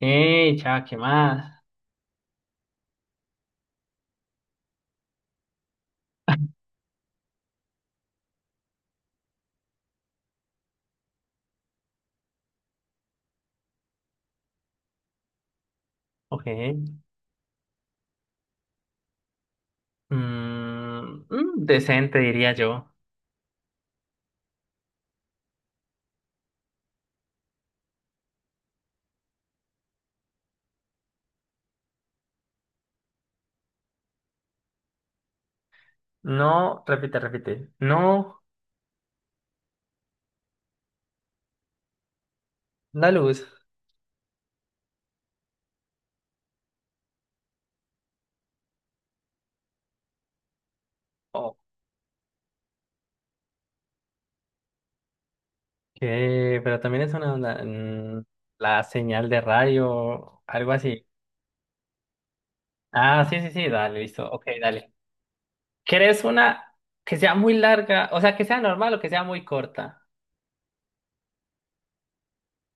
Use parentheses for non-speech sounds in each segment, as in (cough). Hey, ya, ¿qué más? (laughs) Ok. Decente, diría yo. No, repite, repite. No, la luz. Ok, pero también es una onda. La señal de radio, algo así. Ah, sí, sí, sí, dale, listo. Ok, dale. ¿Quieres una que sea muy larga? O sea, que sea normal o que sea muy corta.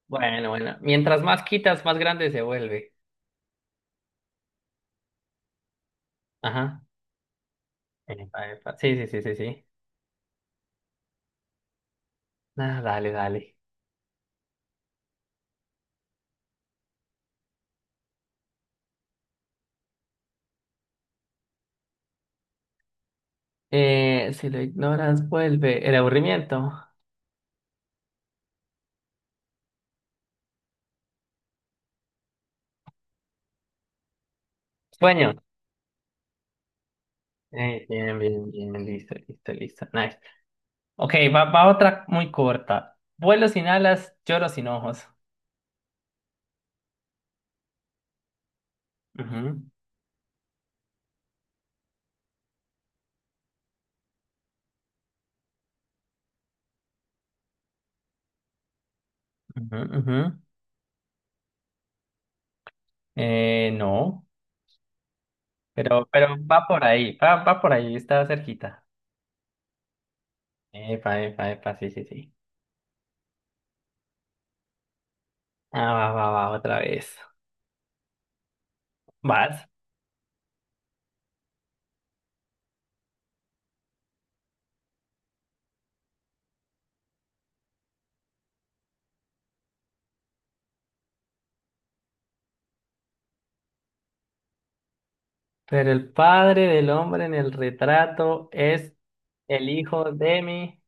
Bueno, bueno. Mientras más quitas, más grande se vuelve. Ajá. Epa, epa. Sí, sí, sí, sí, sí. Ah, dale, dale. Si lo ignoras, vuelve. El aburrimiento. Sueño. Bien, bien, bien. Listo, listo, listo. Nice. Ok, va, va otra muy corta. Vuelo sin alas, lloro sin ojos. Ujú, ujú, ujú. No, pero va por ahí. Va, va por ahí, está cerquita. Epa, epa, epa, sí, sí, sí. Ah, va, va, va, otra vez. Vas. Pero el padre del hombre en el retrato es el hijo de mi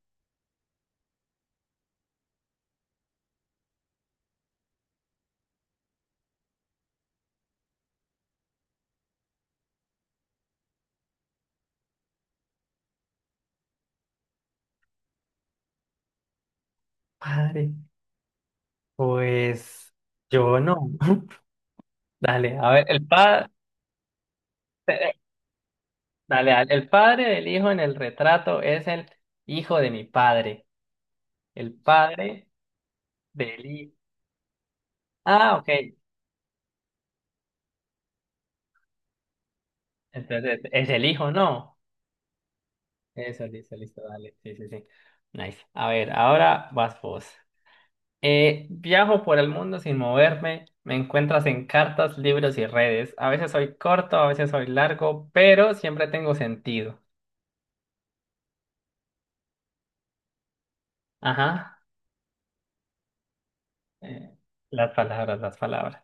padre. Pues yo no. (laughs) Dale, a ver, el padre, dale, dale, el padre del hijo en el retrato es el hijo de mi padre. El padre del hijo. Ah, ok. Entonces, es el hijo, ¿no? Eso, listo, listo, dale. Sí, sí, sí. Nice. A ver, ahora vas vos. Viajo por el mundo sin moverme. Me encuentras en cartas, libros y redes. A veces soy corto, a veces soy largo, pero siempre tengo sentido. Ajá. Eh, las palabras, las palabras.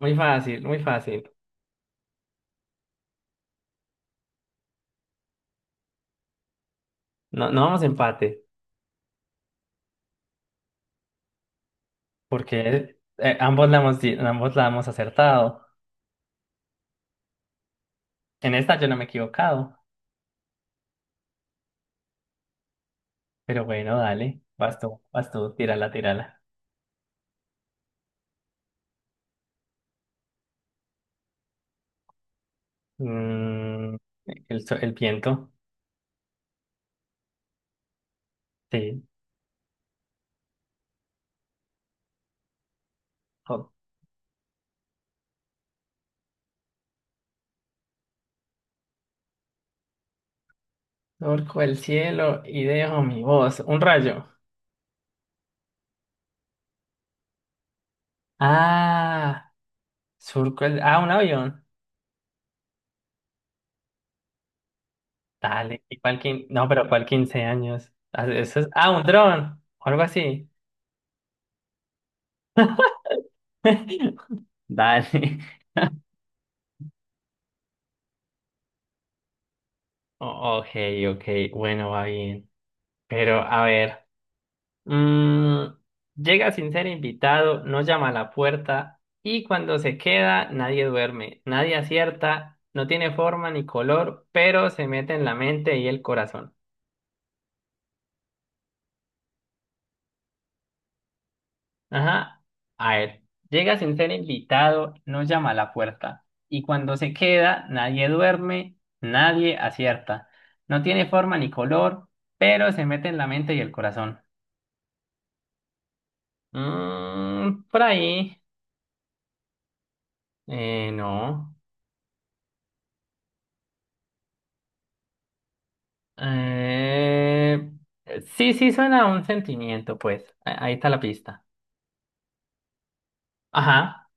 Muy fácil, muy fácil. No, no vamos a empate, porque ambos la hemos, ambos la hemos acertado. En esta yo no me he equivocado, pero bueno, dale, vas tú, tírala, tírala. Mm, el viento, sí. Surco el cielo y dejo mi voz. Un rayo. Ah, surco el... Ah, un avión. Dale, ¿y no, pero ¿cuál 15 años? Ah, eso es... Ah, un dron, o algo así. (laughs) Dale. (laughs) Ok, ok, bueno, va bien. Pero a ver, mm, llega sin ser invitado, no llama a la puerta y cuando se queda nadie duerme, nadie acierta, no tiene forma ni color, pero se mete en la mente y el corazón. Ajá, a ver, llega sin ser invitado, no llama a la puerta y cuando se queda nadie duerme, nadie acierta, no tiene forma ni color, pero se mete en la mente y el corazón. Mm, por ahí. No. Eh, sí, sí, suena a un sentimiento, pues. Ahí está la pista. Ajá.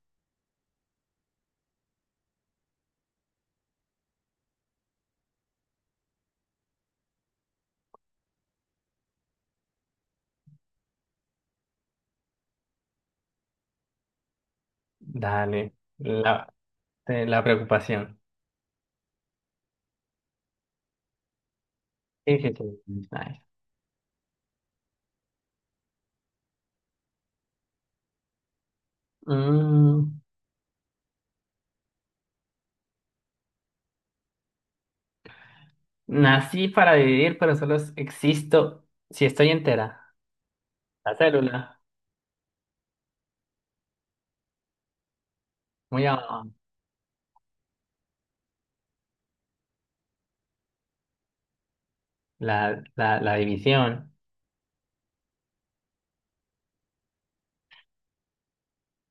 Dale. La preocupación. Sí, sí, sí. Nice. Mm, nací para vivir, pero solo existo si estoy entera. La célula. Muy abajo. La división.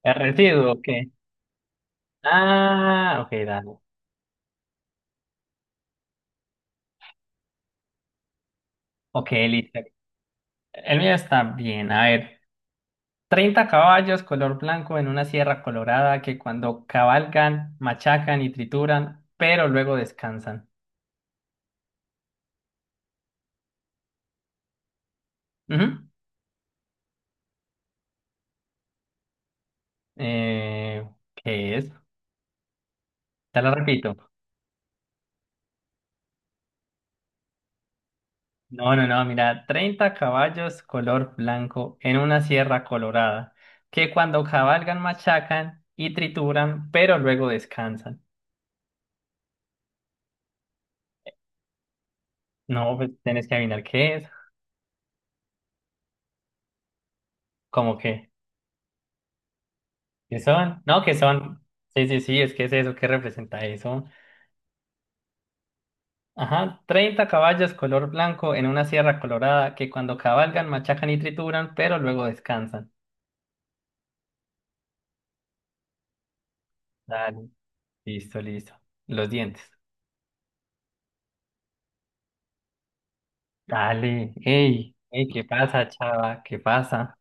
El residuo, ok. Ah, ok, dale. Ok, listo. El mío está bien. A ver. 30 caballos color blanco en una sierra colorada que cuando cabalgan, machacan y trituran, pero luego descansan. Ujú. Eh, ¿Qué es? Te lo repito. No, no, no, mira, 30 caballos color blanco en una sierra colorada que cuando cabalgan, machacan y trituran, pero luego descansan. No, pues tienes que adivinar qué es. ¿Cómo que, qué son, no, qué son. Sí, sí, sí, es que es eso, ¿qué representa eso? Ajá, 30 caballos color blanco en una sierra colorada que cuando cabalgan machacan y trituran, pero luego descansan. Dale, listo, listo. Los dientes. Dale, ey, ey, ¿qué pasa, chava? ¿Qué pasa?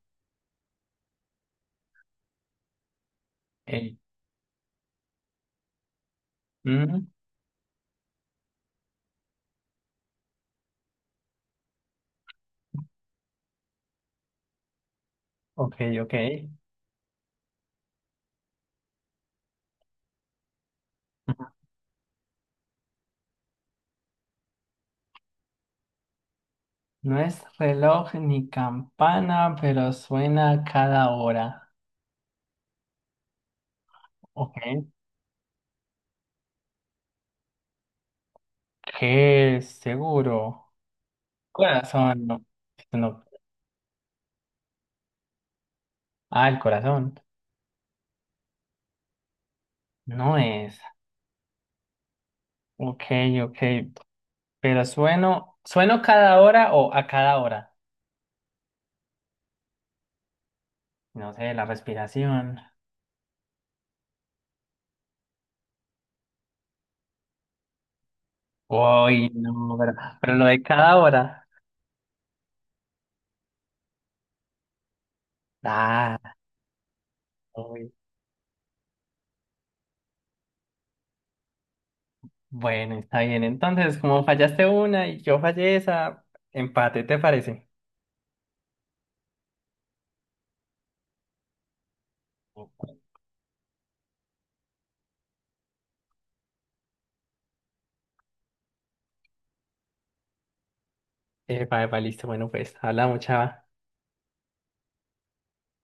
Ey, mm, ok, ok. Ujú. No es reloj ni campana, pero suena cada hora. Ok. ¿Qué es? Seguro. Corazón, no. No. Ah, el corazón. No es. Ok, ok. Pero sueno, sueno cada hora o a cada hora. No sé, la respiración. Uy, no, pero lo de cada hora. Ah, uy. Bueno, está bien. Entonces, como fallaste una y yo fallé esa, empate, ¿te parece? Epa, epa, listo. Bueno, pues, hablamos, chava.